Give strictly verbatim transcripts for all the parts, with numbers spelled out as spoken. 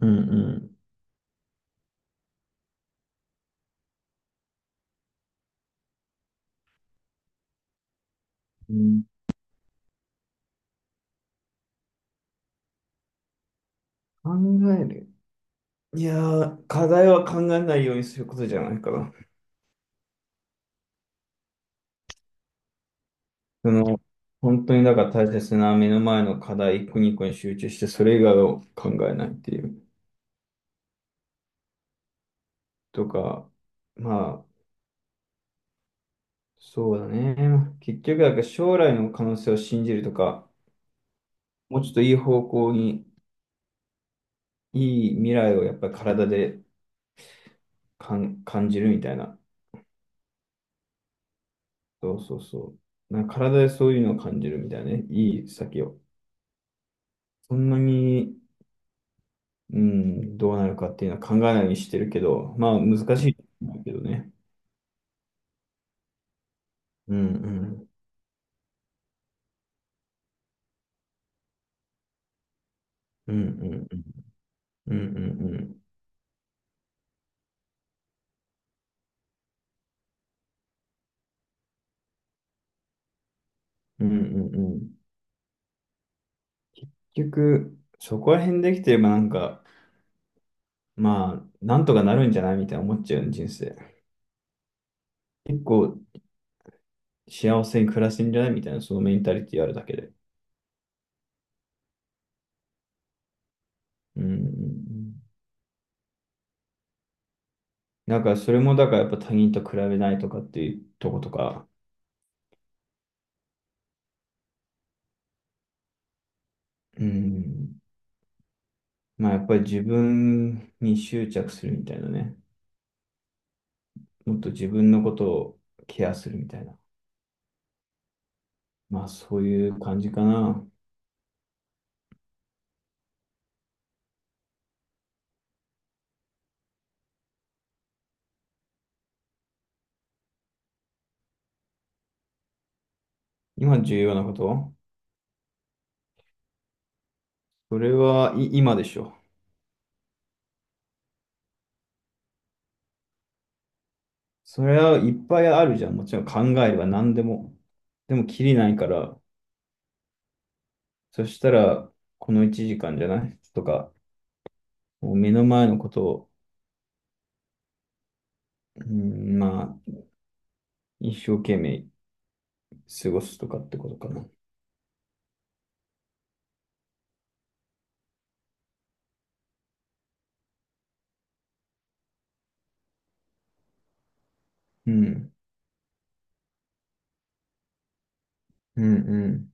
うんうんうん、考える。いやー、課題は考えないようにすることじゃないかな。その、本当にだから大切な目の前の課題一個二個に集中して、それ以外を考えないっていう。とか、まあ、そうだね。結局、だから将来の可能性を信じるとか、もうちょっといい方向に、いい未来をやっぱり体でかん感じるみたいな。そうそうそう。なんか体でそういうのを感じるみたいなね。いい先を。そんなにうん、どうなるかっていうのは考えないようにしてるけど、まあ難しいと思うけどね。うんうん。うんうんうん。うんうんうん。うんうんうん。結局、そこら辺できてればなんか、まあ、なんとかなるんじゃないみたいな思っちゃうよね、人生。結構幸せに暮らせんじゃないみたいな、そのメンタリティあるだけで。うんうんうん。だからそれもだからやっぱ他人と比べないとかっていうとことか、うん。まあやっぱり自分に執着するみたいなね。もっと自分のことをケアするみたいな。まあそういう感じかな。今重要なことそれはい今でしょ。それはいっぱいあるじゃん。もちろん考えは何でも。でもきりないから、そしたらこのいちじかんじゃないとか、もう目の前のことを、うん、まあ一生懸命過ごすとかってことかな。うん。うんうん。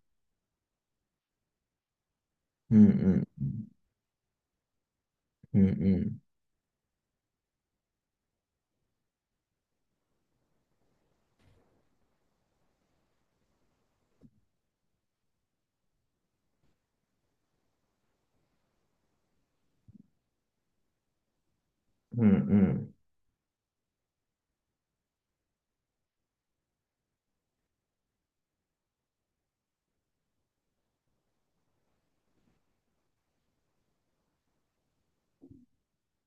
うんうん。うんうん。うんうん。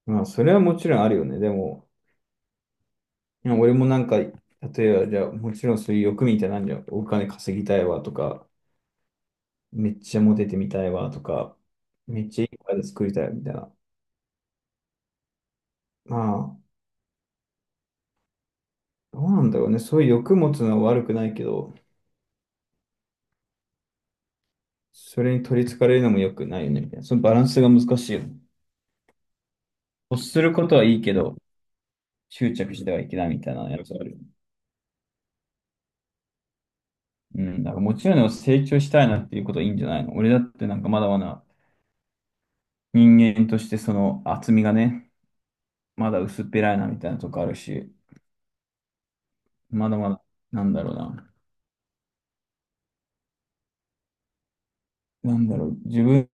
まあそれはもちろんあるよね。でも、今俺もなんか、例えば、じゃあ、もちろんそういう欲みたいなんじゃん。お金稼ぎたいわとか、めっちゃモテてみたいわとか、めっちゃいい体作りたいみたいな。まあ、どうなんだろうね。そういう欲持つのは悪くないけど、それに取り憑かれるのも良くないよね、みたいな。そのバランスが難しいよね。欲することはいいけど、執着してはいけないみたいなやつあるよね。うん、だからもちろん成長したいなっていうことはいいんじゃないの。俺だってなんかまだまだ人間としてその厚みがね、まだ薄っぺらいなみたいなとこあるし、まだまだ、なんだろうな。なんだろう、自分、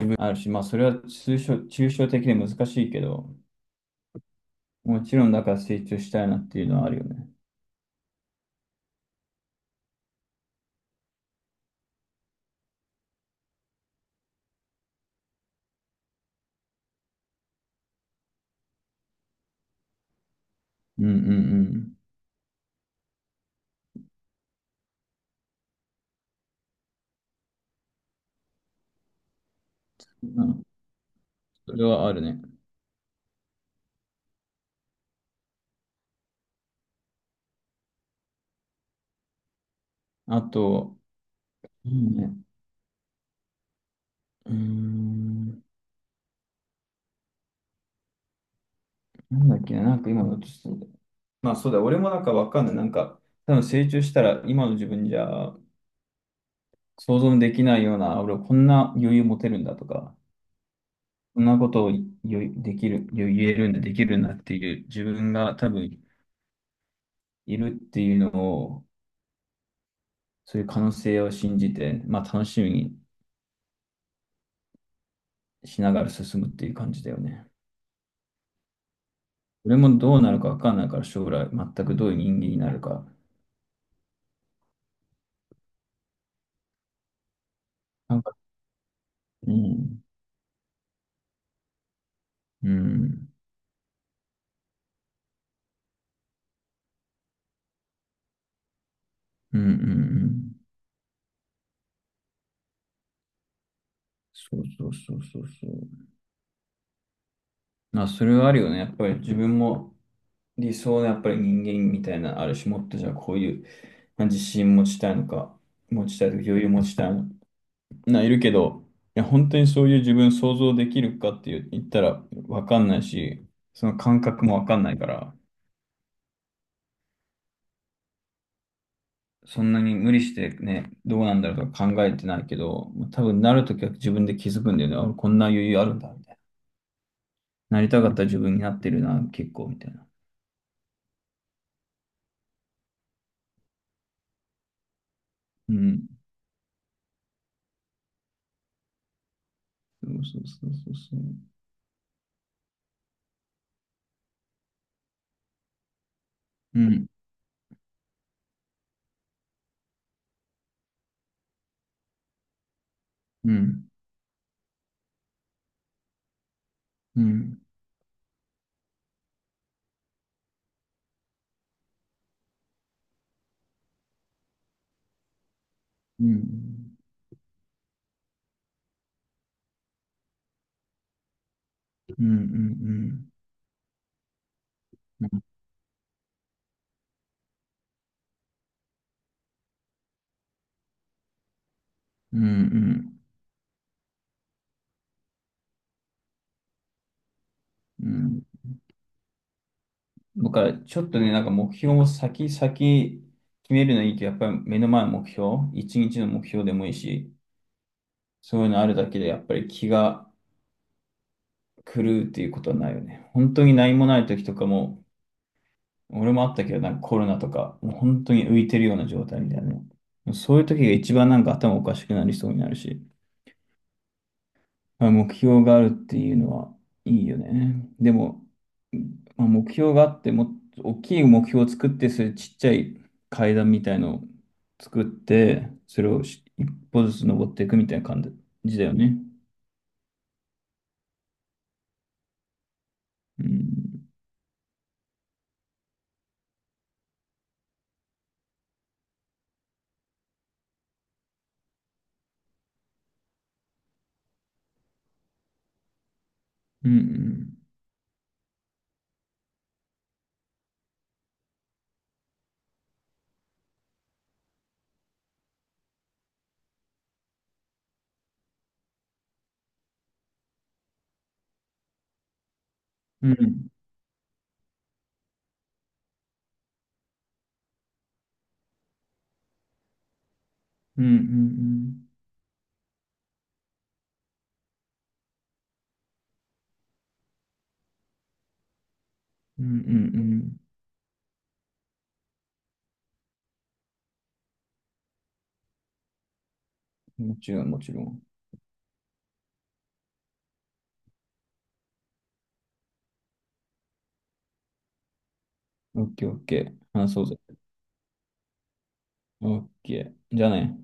自分あるし、まあ、それは抽象、抽象的で難しいけど、もちろんだから成長したいなっていうのはあるよね。うんうんうん。うん、それはあるね。あと、いいね。うーん、なんだっけな、なんか今のとしてまあそうだ、俺もなんかわかんない。なんか、多分成長したら今の自分じゃ想像できないような、俺こんな余裕持てるんだとか、こんなことをよできる、言えるんだ、できるんだっていう自分が多分いるっていうのを、そういう可能性を信じて、まあ楽しみにしながら進むっていう感じだよね。俺もどうなるかわかんないから、将来全くどういう人間になるか。なんか、うん、うん、うん、うんうん。そうそうそうそうそう。まあ、それはあるよね。やっぱり自分も理想のやっぱり人間みたいな、ある種もっとじゃあこういうまあ自信持ちたいのか、持ちたいとか余裕持ちたいのいるけど本当にそういう自分想像できるかって言ったら分かんないしその感覚も分かんないからそんなに無理してどうなんだろうと考えてないけど多分なるときは自分で気づくんだよねこんな余裕あるんだよねなりたかったら自分になってるな結構みたいな。うんそうそうそうそう。うんうんうんうんうんうんうんうんうんうんうんうんうん。だからちょっとね、なんか目標を先、先決めるのいいけど、やっぱり目の前の目標、一日の目標でもいいし、そういうのあるだけでやっぱり気が狂うっていうことはないよね。本当に何もない時とかも、俺もあったけど、なんかコロナとか、もう本当に浮いてるような状態みたいなね。そういう時が一番なんか頭おかしくなりそうになるし。まあ、目標があるっていうのはいいよね。でも、まあ、目標があって、もっと大きい目標を作って、それちっちゃい階段みたいのを作って、それをし一歩ずつ登っていくみたいな感じだよね。うん。うんうん。うんうんうん。うんうんうん。もちろん、もちろん。オッケーオッケー。話そうぜ。オッケー。じゃあね。